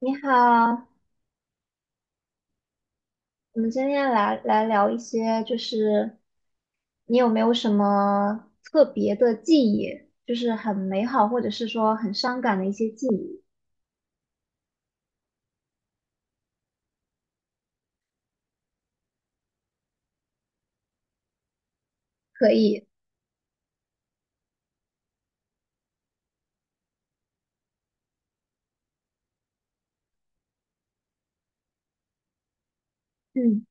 你好，我们今天来聊一些，就是你有没有什么特别的记忆，就是很美好或者是说很伤感的一些记忆？可以。嗯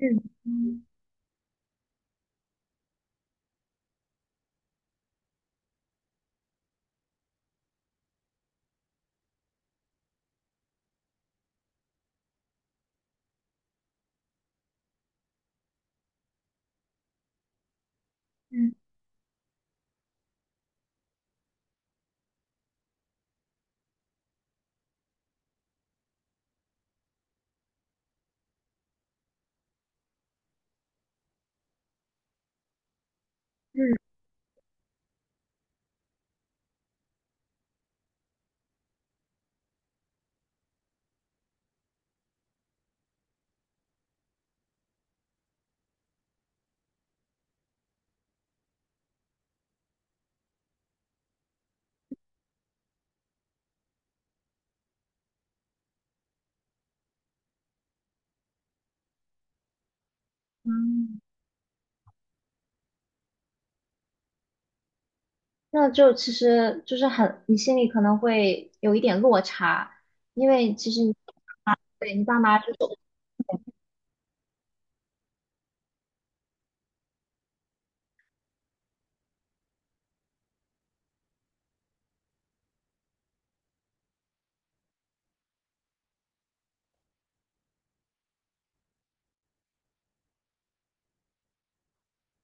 嗯嗯嗯嗯，嗯那就其实就是很，你心里可能会有一点落差，因为其实你对你爸妈这种，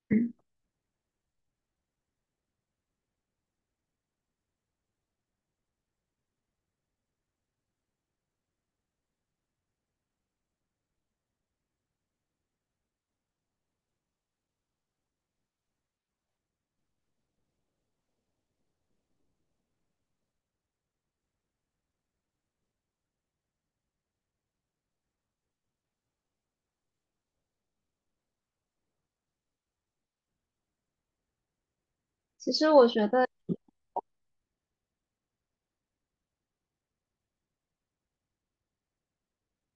嗯，其实我觉得。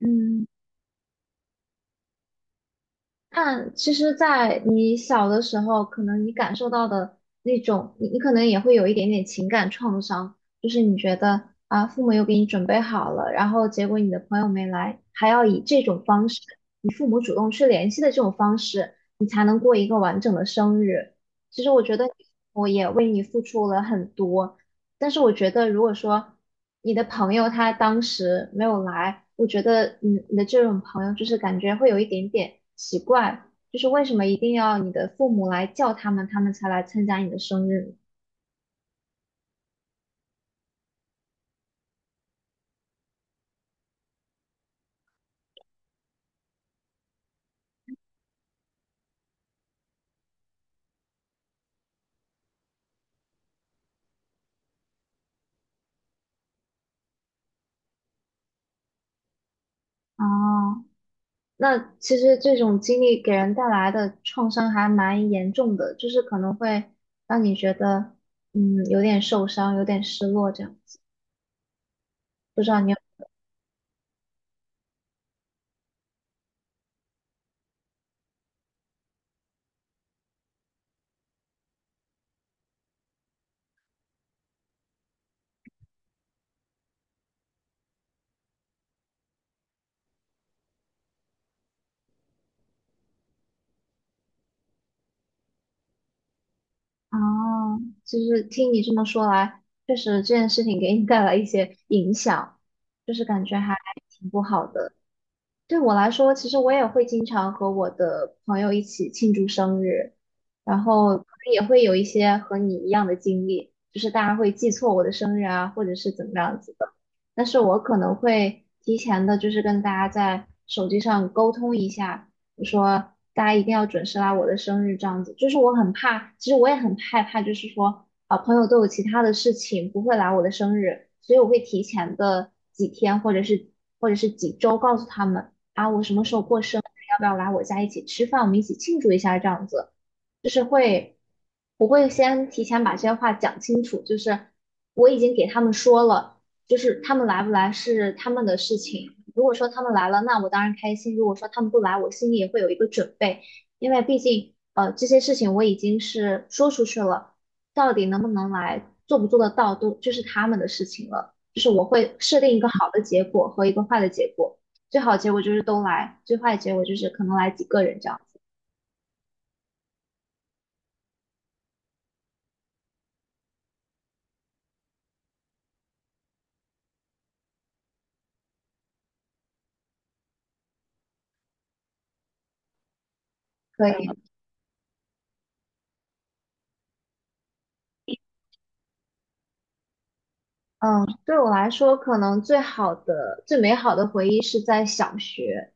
嗯。但其实，在你小的时候，可能你感受到的那种，你可能也会有一点点情感创伤，就是你觉得啊，父母又给你准备好了，然后结果你的朋友没来，还要以这种方式，你父母主动去联系的这种方式，你才能过一个完整的生日。其实我觉得我也为你付出了很多，但是我觉得，如果说你的朋友他当时没有来，我觉得你的这种朋友就是感觉会有一点点奇怪，就是为什么一定要你的父母来叫他们，他们才来参加你的生日？哦，那其实这种经历给人带来的创伤还蛮严重的，就是可能会让你觉得，有点受伤，有点失落这样子。不知道你？哦，就是听你这么说来，确实这件事情给你带来一些影响，就是感觉还挺不好的。对我来说，其实我也会经常和我的朋友一起庆祝生日，然后可能也会有一些和你一样的经历，就是大家会记错我的生日啊，或者是怎么样子。但是我可能会提前的，就是跟大家在手机上沟通一下，我说大家一定要准时来我的生日，这样子。就是我很怕，其实我也很害怕，就是说啊，朋友都有其他的事情不会来我的生日，所以我会提前的几天或者是几周告诉他们啊，我什么时候过生日，要不要来我家一起吃饭，我们一起庆祝一下这样子。就是会，我会先提前把这些话讲清楚，就是我已经给他们说了。就是他们来不来是他们的事情。如果说他们来了，那我当然开心；如果说他们不来，我心里也会有一个准备，因为毕竟这些事情我已经是说出去了，到底能不能来，做不做得到，都就是他们的事情了。就是我会设定一个好的结果和一个坏的结果，最好的结果就是都来，最坏的结果就是可能来几个人这样子。可以。嗯，对我来说，可能最好的、最美好的回忆是在小学，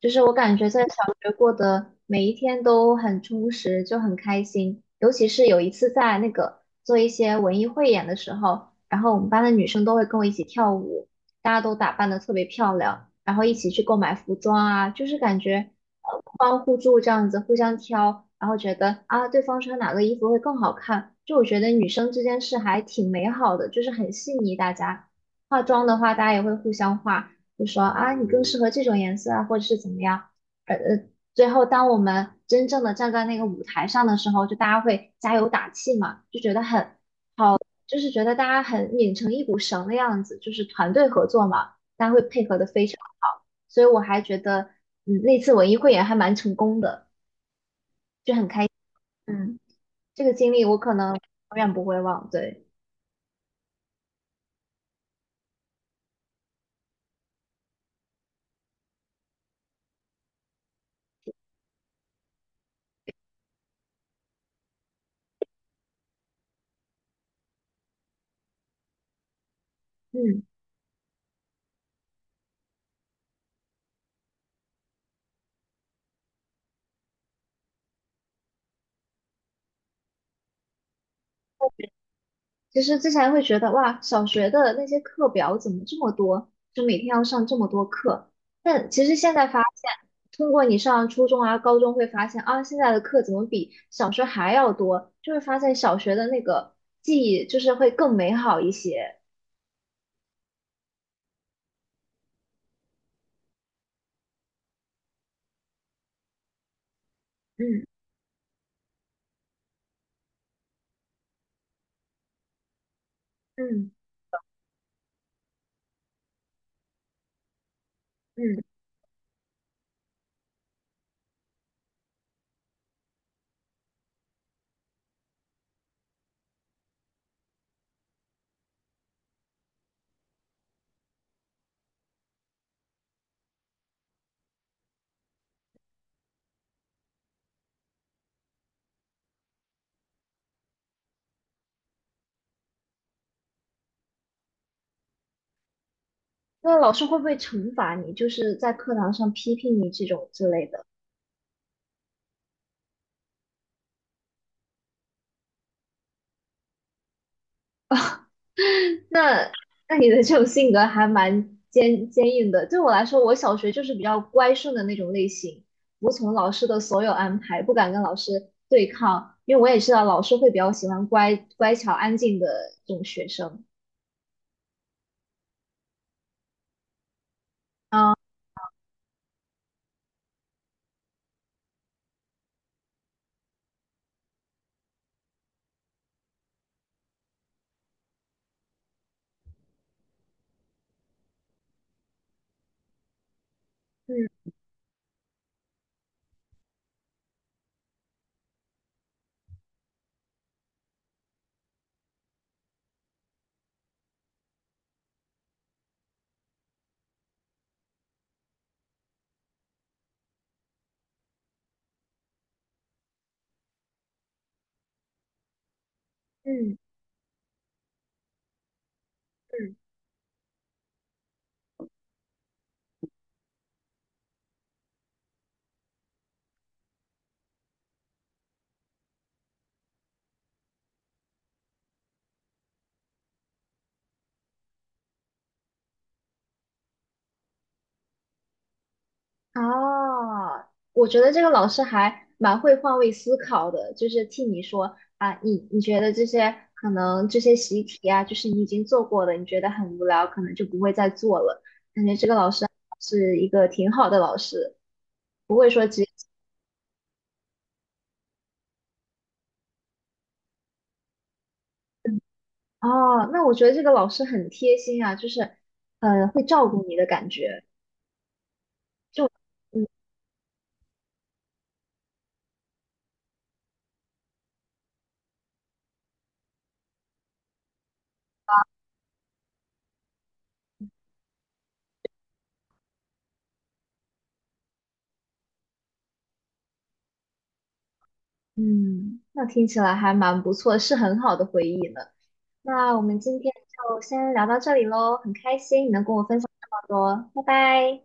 就是我感觉在小学过的每一天都很充实，就很开心。尤其是有一次在那个做一些文艺汇演的时候，然后我们班的女生都会跟我一起跳舞，大家都打扮得特别漂亮，然后一起去购买服装啊，就是感觉这样子互相挑，然后觉得啊，对方穿哪个衣服会更好看。就我觉得女生之间是还挺美好的，就是很细腻。大家化妆的话，大家也会互相化，就说啊，你更适合这种颜色啊，或者是怎么样。呃呃，最后当我们真正的站在那个舞台上的时候，就大家会加油打气嘛，就觉得很，就是觉得大家很拧成一股绳的样子，就是团队合作嘛，大家会配合的非常好。所以我还觉得，嗯，那次文艺汇演还蛮成功的。就很开心。嗯，这个经历我可能永远不会忘。对。嗯，其实之前会觉得哇，小学的那些课表怎么这么多，就每天要上这么多课。但其实现在发现，通过你上初中啊、高中会发现啊，现在的课怎么比小学还要多？就会发现小学的那个记忆就是会更美好一些。嗯嗯嗯，那老师会不会惩罚你，就是在课堂上批评你这种之类的？那那你的这种性格还蛮坚硬的。对我来说，我小学就是比较乖顺的那种类型，服从老师的所有安排，不敢跟老师对抗，因为我也知道老师会比较喜欢乖乖巧安静的这种学生。啊，嗯嗯嗯。哦，我觉得这个老师还蛮会换位思考的，就是替你说啊，你觉得这些可能这些习题啊，就是你已经做过的，你觉得很无聊，可能就不会再做了。感觉这个老师是一个挺好的老师，不会说直接哦，那我觉得这个老师很贴心啊，就是会照顾你的感觉，就嗯嗯，那听起来还蛮不错，是很好的回忆呢。那我们今天就先聊到这里喽，很开心你能跟我分享这么多，拜拜。